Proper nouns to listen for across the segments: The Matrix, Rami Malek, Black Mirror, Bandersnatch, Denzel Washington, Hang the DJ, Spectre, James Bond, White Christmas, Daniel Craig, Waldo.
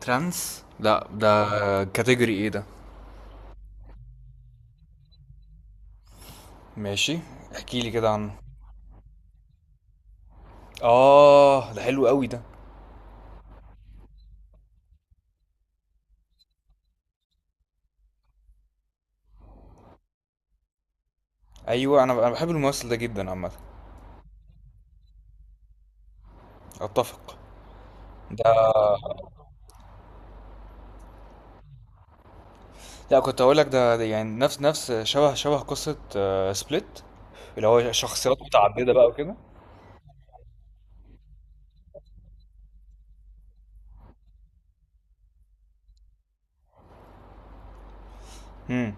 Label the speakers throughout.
Speaker 1: ترانس، لا. ده كاتيجوري ايه ده؟ ماشي. احكي لي كده عنه. اه، ده حلو قوي ده. ايوه، انا بحب الممثل ده جدا عامه. اتفق. ده. لا، كنت اقول لك ده يعني نفس شبه قصه سبليت، اللي هو شخصيات متعدده بقى وكده. امم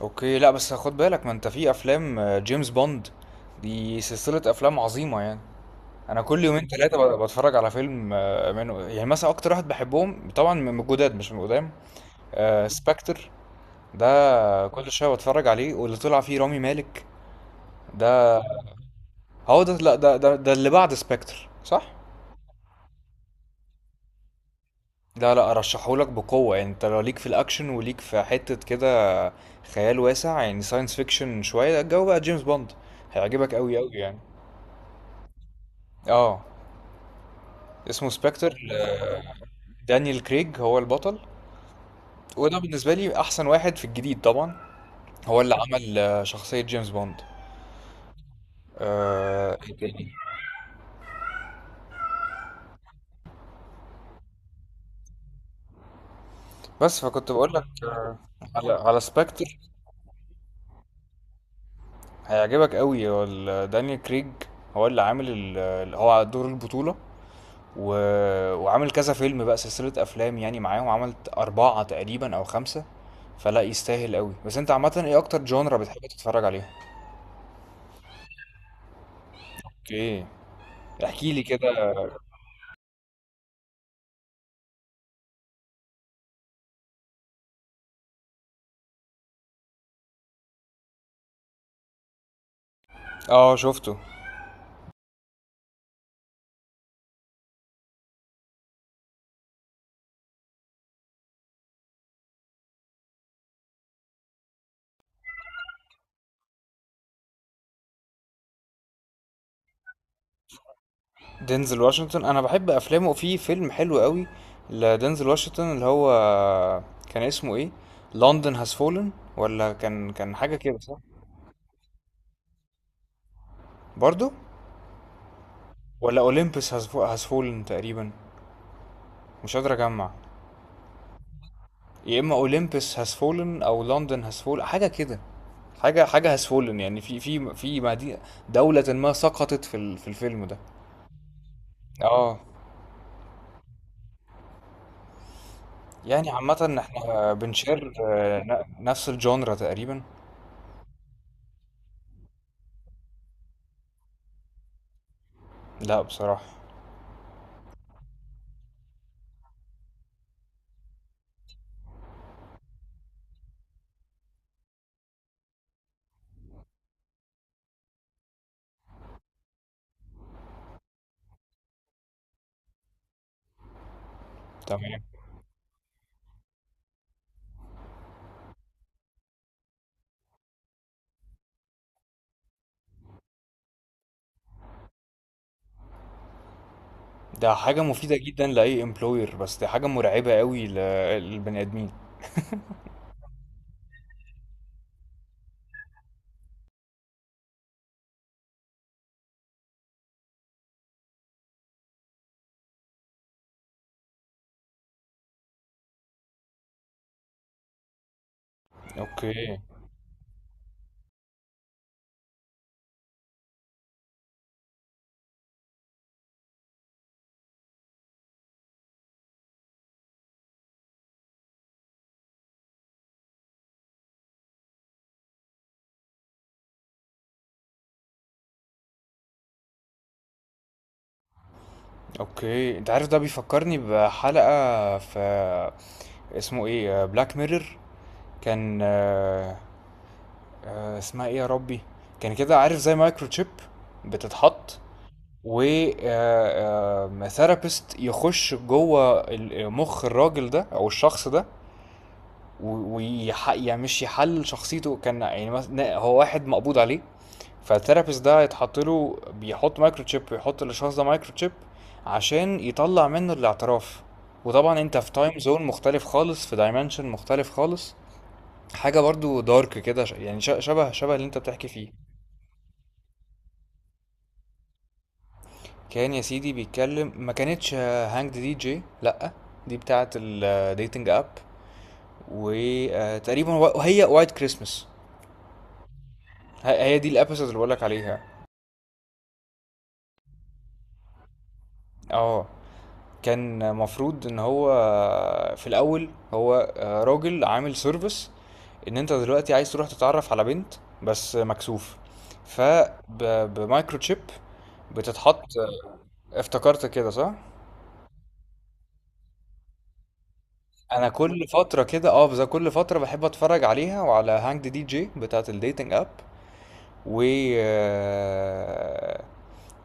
Speaker 1: اوكي. لا بس خد بالك، ما انت في افلام جيمس بوند، دي سلسله افلام عظيمه يعني. انا كل يومين 3 بتفرج على فيلم منه، يعني مثلا اكتر واحد بحبهم طبعا من الجداد مش من القدام. آه، سبكتر ده. كل شويه بتفرج عليه، واللي طلع فيه رامي مالك ده. هو ده؟ لا، ده اللي بعد سبكتر، صح؟ لا، لا، ارشحهولك بقوه، يعني انت لو ليك في الاكشن وليك في حته كده، خيال واسع، يعني ساينس فيكشن شويه الجو بقى جيمس بوند، هيعجبك قوي قوي يعني. اه، اسمه سبكتر. دانيال كريج هو البطل، وده بالنسبه لي احسن واحد في الجديد طبعا. هو اللي عمل شخصيه جيمس بوند. آه. بس فكنت بقول لك على سبكتر. هيعجبك قوي. هو دانيال كريج، هو اللي عامل هو على دور البطولة. و... وعامل كذا فيلم بقى، سلسلة أفلام، يعني معاهم عملت أربعة تقريبا أو خمسة، فلا يستاهل قوي. بس أنت عامة إيه أكتر جونرا بتحب تتفرج عليها؟ أوكي. احكي لي كده. اه، شفته. دينزل واشنطن انا بحب افلامه، في فيلم حلو قوي لدينزل واشنطن، اللي هو كان اسمه ايه؟ لندن هاز فولن، ولا كان حاجه كده، صح؟ برضو. ولا اولمبس هاز فولن تقريبا، مش قادر اجمع. يا اما اولمبس هاز فولن او لندن هاز فولن، حاجه كده. حاجه هاز فولن، يعني في مدينه، دوله ما سقطت في في الفيلم ده. اه. يعني عامه احنا بنشير نفس الجونرا تقريبا. لا بصراحه. تمام. ده حاجه مفيده جدا لاي امبلوير، بس دي حاجه مرعبه قوي للبني ادمين. اوكي. اوكي، انت عارف ده بيفكرني بحلقة في، اسمه ايه، بلاك ميرور. كان اسمها ايه يا ربي؟ كان كده، عارف، زي مايكرو تشيب بتتحط، و ثيرابيست يخش جوه مخ الراجل ده او الشخص ده، ويح، يعني مش يحل شخصيته، كان يعني مثلا هو واحد مقبوض عليه، فالثيرابيست ده يتحط له، بيحط مايكرو تشيب، ويحط للشخص ده مايكرو تشيب عشان يطلع منه الاعتراف. وطبعا انت في تايم زون مختلف خالص، في دايمنشن مختلف خالص. حاجة برضو دارك كده، يعني شبه اللي انت بتحكي فيه. كان يا سيدي بيتكلم، ما كانتش هانجد دي جي، لأ، دي بتاعة الديتنج اب، وتقريبا هي وايت كريسمس. هي دي الابيسود اللي بقولك عليها. اه. كان مفروض ان هو في الاول، هو راجل عامل سيرفيس، ان انت دلوقتي عايز تروح تتعرف على بنت بس مكسوف، فبمايكرو تشيب بتتحط افتكرت كده صح؟ انا كل فتره كده اه، بس كل فتره بحب اتفرج عليها وعلى هانج دي جي بتاعه الديتنج اب. و آه،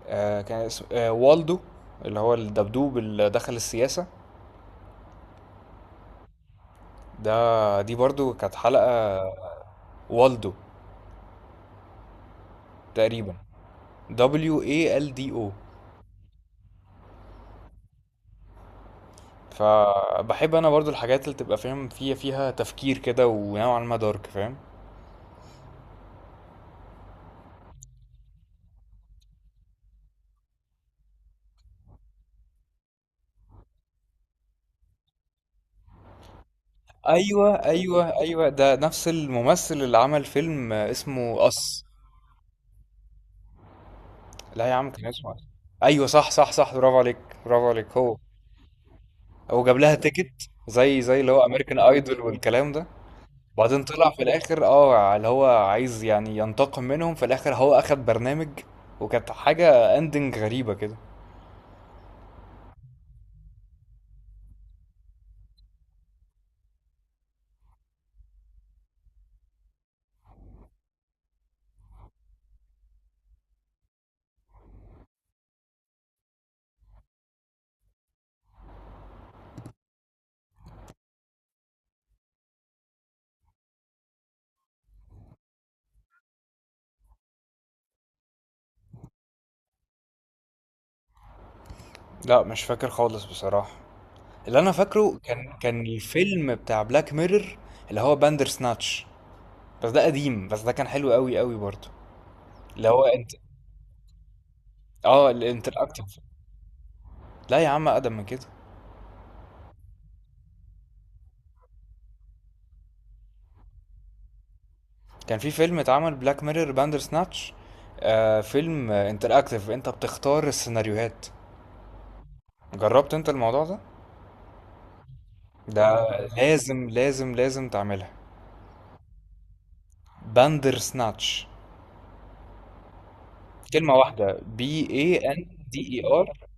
Speaker 1: آه، كان اسمه والدو، اللي هو الدبدوب اللي دخل السياسه ده. دي برضو كانت حلقه، والدو تقريبا، Waldo. فبحب انا برضو الحاجات اللي تبقى فاهم فيها تفكير كده ونوعا ما دارك، فاهم. ايوه، ايوه، ايوه، ده نفس الممثل اللي عمل فيلم اسمه اس. لا يا عم، كان اسمه اس. ايوه، صح، صح، صح، برافو عليك، برافو عليك. هو جاب لها تيكت، زي اللي هو امريكان ايدول والكلام ده. بعدين طلع في الاخر، اه، اللي هو عايز يعني ينتقم منهم في الاخر، هو اخد برنامج، وكانت حاجة اندنج غريبة كده. لأ مش فاكر خالص بصراحة. اللي أنا فاكره كان الفيلم بتاع بلاك ميرور، اللي هو باندرسناتش، بس ده قديم، بس ده كان حلو أوي أوي برضه. اللي هو انت، الinteractive. لا يا عم، أقدم من كده. كان في فيلم اتعمل، بلاك ميرور باندرسناتش، آه فيلم interactive، أنت بتختار السيناريوهات. جربت أنت الموضوع ده؟ ده لازم، لازم، لازم تعملها. باندرسناتش، كلمة واحدة. Bander.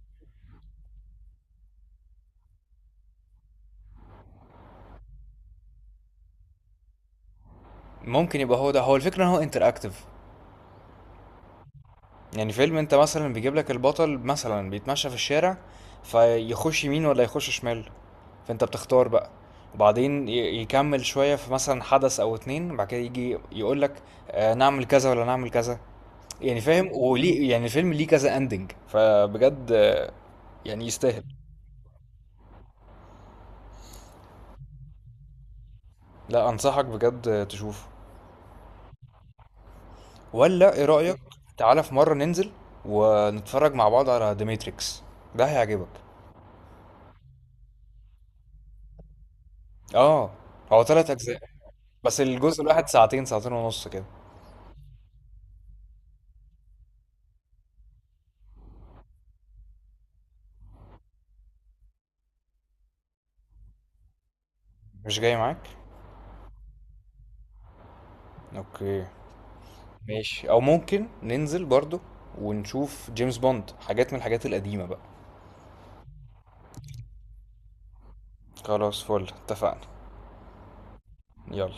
Speaker 1: ممكن يبقى هو ده. هو الفكرة إن هو interactive، يعني فيلم انت مثلا بيجيب لك البطل مثلا بيتمشى في الشارع، فيخش يمين ولا يخش شمال، فانت بتختار بقى، وبعدين يكمل شوية، في مثلا حدث او اتنين، بعد كده يجي يقول لك، آه، نعمل كذا ولا نعمل كذا، يعني فاهم، وليه يعني الفيلم ليه كذا اندنج. فبجد يعني يستاهل. لا، انصحك بجد تشوفه. ولا ايه رأيك؟ تعالى في مرة ننزل ونتفرج مع بعض على ذا ماتريكس، ده هيعجبك. اه، هو تلات اجزاء، بس الجزء الواحد ساعتين، ساعتين ونص كده. مش جاي معاك. اوكي، ماشي، او ممكن ننزل برضو ونشوف جيمس بوند، حاجات من الحاجات القديمة بقى. خلاص، فل، اتفقنا. يلا.